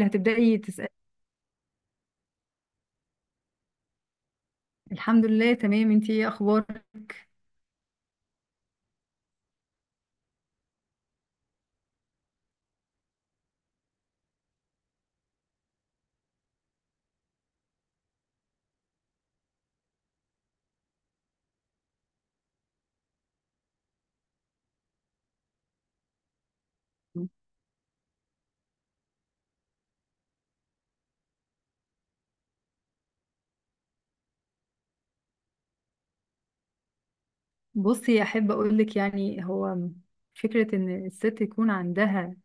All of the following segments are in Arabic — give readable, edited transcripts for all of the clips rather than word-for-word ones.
اللي هتبدأي تسألي. الحمد لله تمام، انتي ايه اخبارك؟ بصي احب اقولك، يعني هو فكرة ان الست يكون عندها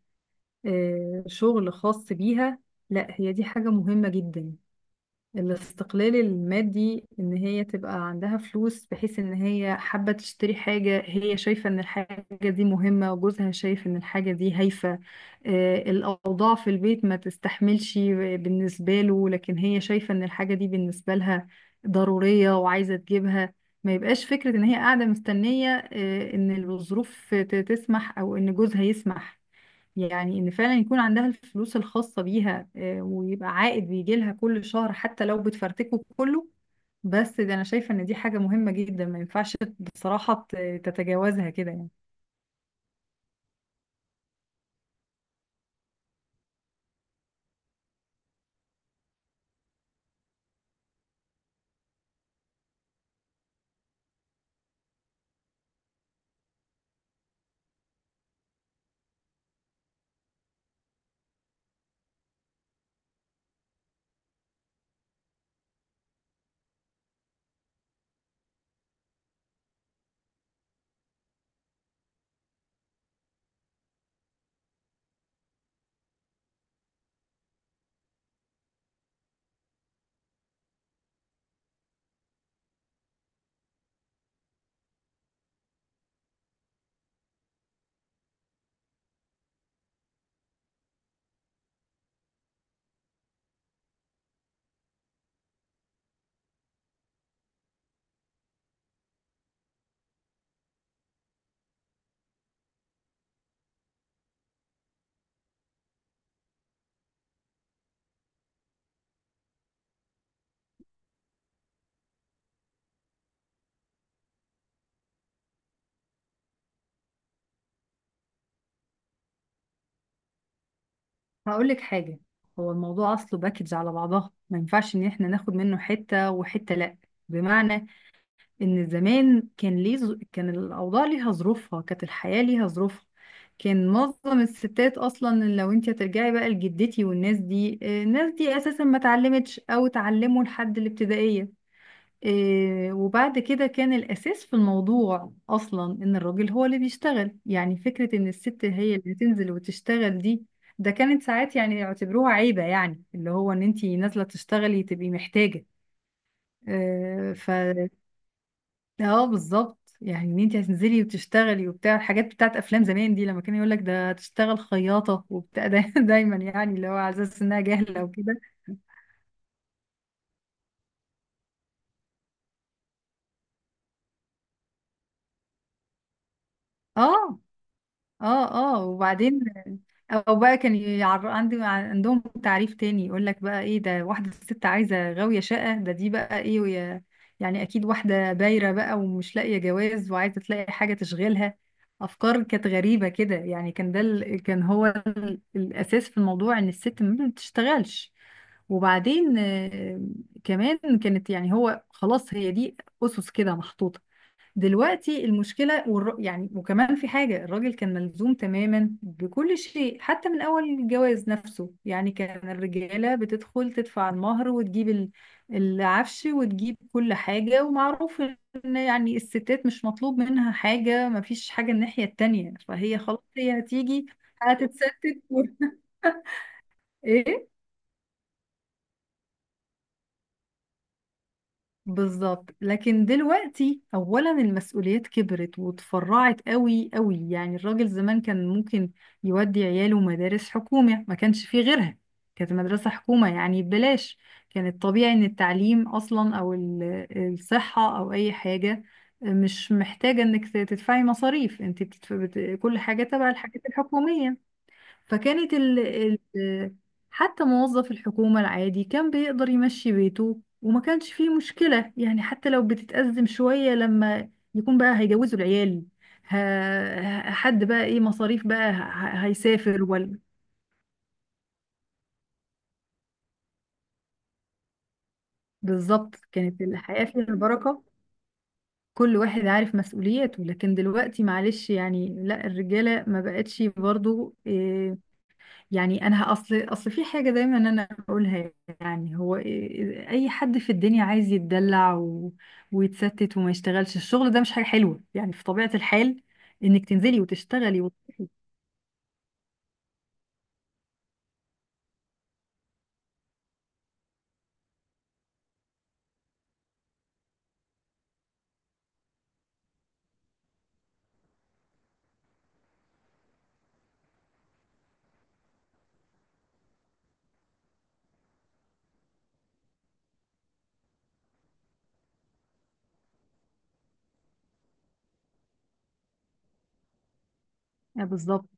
شغل خاص بيها، لا هي دي حاجة مهمة جدا. الاستقلال المادي ان هي تبقى عندها فلوس، بحيث ان هي حابة تشتري حاجة هي شايفة ان الحاجة دي مهمة، وجوزها شايف ان الحاجة دي هايفة. الاوضاع في البيت ما تستحملش بالنسبة له، لكن هي شايفة ان الحاجة دي بالنسبة لها ضرورية وعايزة تجيبها. ما يبقاش فكرة ان هي قاعدة مستنية ان الظروف تسمح او ان جوزها يسمح. يعني ان فعلا يكون عندها الفلوس الخاصة بيها، ويبقى عائد بيجي لها كل شهر، حتى لو بتفرتكه كله. بس ده انا شايفة ان دي حاجة مهمة جدا، ما ينفعش بصراحة تتجاوزها كده يعني. هقول لك حاجة، هو الموضوع اصله باكج على بعضها، ما ينفعش ان احنا ناخد منه حتة وحتة، لا. بمعنى ان زمان كان ليه كان الاوضاع ليها ظروفها، كانت الحياه ليها ظروفها. كان معظم الستات اصلا، لو انت هترجعي بقى لجدتي والناس دي، الناس دي اساسا ما اتعلمتش او اتعلموا لحد الابتدائيه. وبعد كده كان الاساس في الموضوع اصلا ان الراجل هو اللي بيشتغل، يعني فكره ان الست هي اللي تنزل وتشتغل دي، ده كانت ساعات يعني يعتبروها عيبه، يعني اللي هو ان انت نازله تشتغلي تبقي محتاجه. اه بالظبط، يعني ان انت هتنزلي وتشتغلي وبتاع. الحاجات بتاعت افلام زمان دي، لما كان يقول لك ده تشتغل خياطه وبتاع ده دايما، يعني اللي هو على اساس انها جاهله وكده. اه، اه، اه. وبعدين او بقى كان يعر... عندي عندهم تعريف تاني، يقول لك بقى ايه ده، واحده ست عايزه غاويه شقه، ده دي بقى ايه ويا... يعني اكيد واحده بايره بقى ومش لاقيه جواز وعايزه تلاقي حاجه تشغلها. افكار كانت غريبه كده يعني. كان ده كان هو الاساس في الموضوع ان الست ما بتشتغلش. وبعدين كمان كانت، يعني هو خلاص هي دي اسس كده محطوطه. دلوقتي المشكلة، والر... يعني وكمان في حاجة، الراجل كان ملزوم تماما بكل شيء حتى من أول الجواز نفسه، يعني كان الرجالة بتدخل تدفع المهر وتجيب العفش وتجيب كل حاجة. ومعروف إن يعني الستات مش مطلوب منها حاجة، مفيش حاجة الناحية التانية، فهي خلاص هي هتيجي هتتستت و... إيه؟ بالظبط. لكن دلوقتي اولا المسؤوليات كبرت وتفرعت قوي قوي، يعني الراجل زمان كان ممكن يودي عياله مدارس حكومة، ما كانش فيه غيرها، كانت مدرسة حكومة يعني ببلاش. كان الطبيعي ان التعليم اصلا او الصحة او اي حاجة مش محتاجة انك تدفعي مصاريف، انت بتدف... بت... كل حاجة تبع الحاجات الحكومية. فكانت ال... حتى موظف الحكومة العادي كان بيقدر يمشي بيته، وما كانش فيه مشكلة يعني، حتى لو بتتأزم شوية لما يكون بقى هيجوزوا العيال، ه... حد بقى ايه مصاريف بقى ه... هيسافر ولا. بالظبط، كانت الحياة فيها البركة. كل واحد عارف مسؤولياته. لكن دلوقتي معلش يعني، لا الرجالة ما بقتش برضو. يعني انا اصل في حاجه دايما انا اقولها، يعني هو إيه- إيه، اي حد في الدنيا عايز يتدلع و... ويتستت وما يشتغلش، الشغل ده مش حاجه حلوه يعني في طبيعه الحال، انك تنزلي وتشتغلي و... آه بالظبط.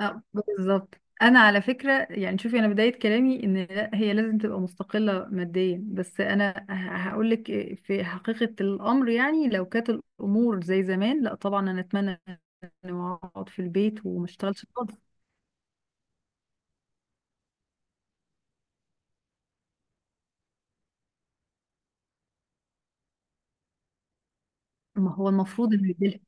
آه بالظبط. انا على فكره يعني شوفي، انا بدايه كلامي ان لا هي لازم تبقى مستقله ماديا، بس انا هقول لك في حقيقه الامر، يعني لو كانت الامور زي زمان، لا طبعا انا اتمنى اني اقعد في البيت وما اشتغلش خالص. ما هو المفروض انه يديلها.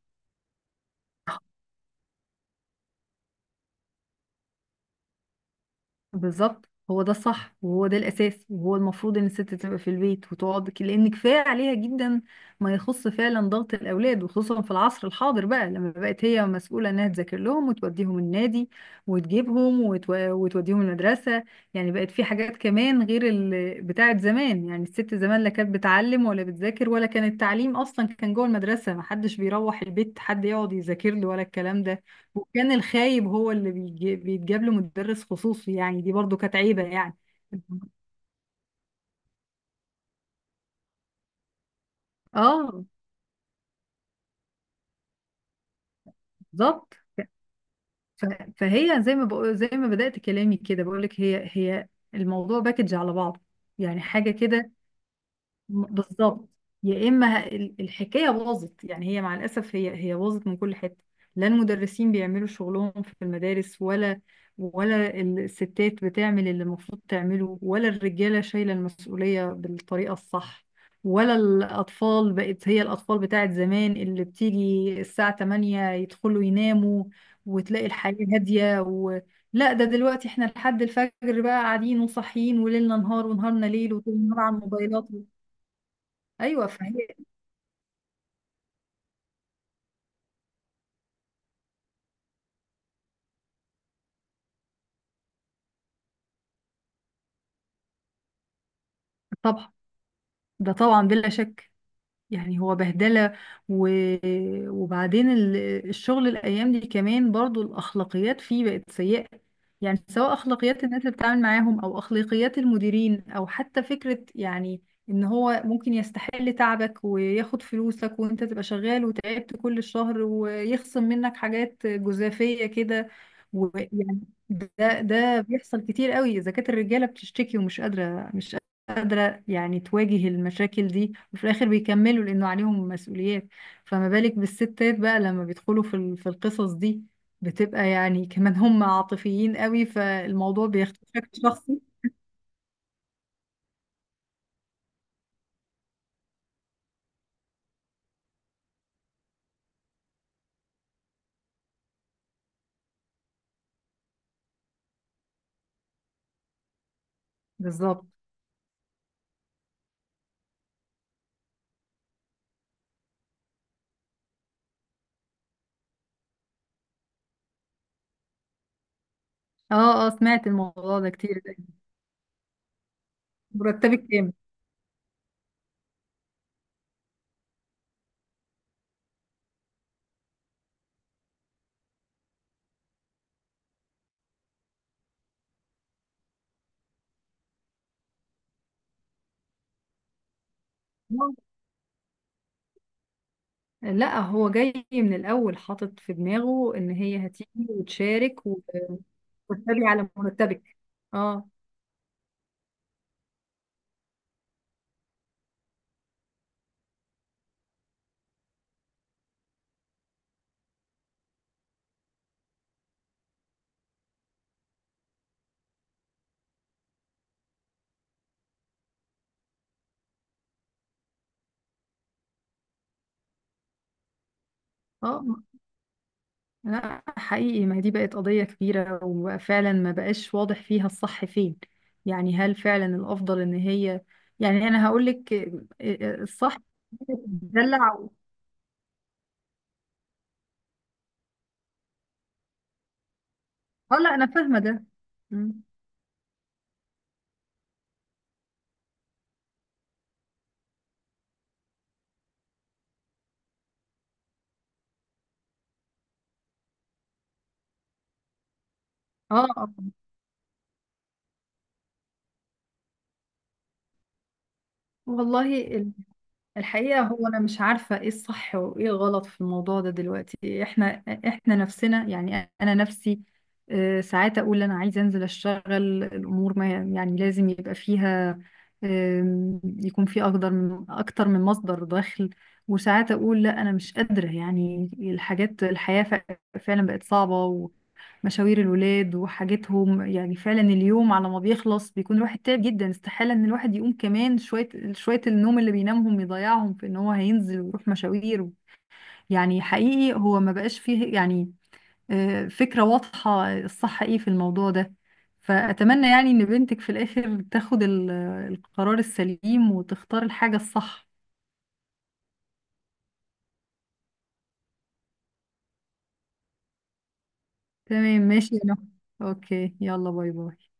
بالظبط، هو ده الصح وهو ده الاساس، وهو المفروض ان الست تبقى في البيت وتقعد لان كفايه عليها جدا ما يخص فعلا ضغط الاولاد، وخصوصا في العصر الحاضر بقى لما بقت هي مسؤوله انها تذاكر لهم وتوديهم النادي وتجيبهم وتو... وتوديهم المدرسه. يعني بقت في حاجات كمان غير بتاعه زمان، يعني الست زمان لا كانت بتعلم ولا بتذاكر، ولا كان التعليم اصلا، كان جوه المدرسه، ما حدش بيروح البيت حد يقعد يذاكر له ولا الكلام ده. وكان الخايب هو اللي بيتجاب له مدرس خصوصي، يعني دي برضو كانت عيبة يعني. اه بالظبط. ف- فهي زي ما بقول، زي ما بدأت كلامي كده بقول لك، هي الموضوع باكج على بعضه، يعني حاجة كده. بالظبط. يا اما الحكايه باظت، يعني هي مع الاسف هي باظت من كل حته. لا المدرسين بيعملوا شغلهم في المدارس، ولا الستات بتعمل اللي المفروض تعمله، ولا الرجاله شايله المسؤوليه بالطريقه الصح، ولا الاطفال بقت الاطفال بتاعت زمان، اللي بتيجي الساعه 8 يدخلوا يناموا، وتلاقي الحياه هاديه و... لا، ده دلوقتي احنا لحد الفجر بقى قاعدين وصاحيين، وليلنا نهار ونهارنا ليل، وطول النهار على الموبايلات. ايوه فهي، طبعا، ده طبعا بلا شك، يعني هو بهدله و... وبعدين الشغل الايام دي كمان برضو الاخلاقيات فيه بقت سيئه، يعني سواء اخلاقيات الناس اللي بتتعامل معاهم او اخلاقيات المديرين، او حتى فكره يعني ان هو ممكن يستحل تعبك وياخد فلوسك، وانت تبقى شغال وتعبت كل الشهر ويخصم منك حاجات جزافيه كده. ويعني ده ده بيحصل كتير قوي. اذا كانت الرجاله بتشتكي ومش قادره مش يعني تواجه المشاكل دي وفي الآخر بيكملوا لأنه عليهم مسؤوليات، فما بالك بالستات بقى لما بيدخلوا في في القصص دي، بتبقى يعني كمان هم عاطفيين قوي، فالموضوع بياخد شكل شخصي. بالظبط. اه اه، سمعت الموضوع ده كتير. مرتبك كام؟ لا هو جاي من الأول حاطط في دماغه إن هي هتيجي وتشارك و... وتتابع على مرتبك. اه اه. لا حقيقي ما هي دي بقت قضية كبيرة، وفعلا ما بقاش واضح فيها الصح فين، يعني هل فعلا الأفضل إن هي، يعني أنا هقول لك الصح تدلع. اه، لا أنا فاهمة ده. مم. اه آه. والله الحقيقة، هو أنا مش عارفة إيه الصح وإيه الغلط في الموضوع ده. دلوقتي إحنا نفسنا، يعني أنا نفسي ساعات أقول أنا عايزة أنزل أشتغل، الأمور ما يعني لازم يبقى فيها يكون في أقدر من أكتر من مصدر دخل. وساعات أقول لا أنا مش قادرة، يعني الحاجات، الحياة فعلا بقت صعبة. مشاوير الولاد وحاجتهم، يعني فعلا اليوم على ما بيخلص بيكون الواحد تعب جدا، استحالة ان الواحد يقوم كمان شوية، شوية النوم اللي بينامهم يضيعهم في ان هو هينزل ويروح مشاوير. يعني حقيقي هو ما بقاش فيه يعني فكرة واضحة الصح ايه في الموضوع ده. فأتمنى يعني ان بنتك في الآخر تاخد القرار السليم وتختار الحاجة الصح. تمام ماشي يا نهى. اوكي، يلا باي باي.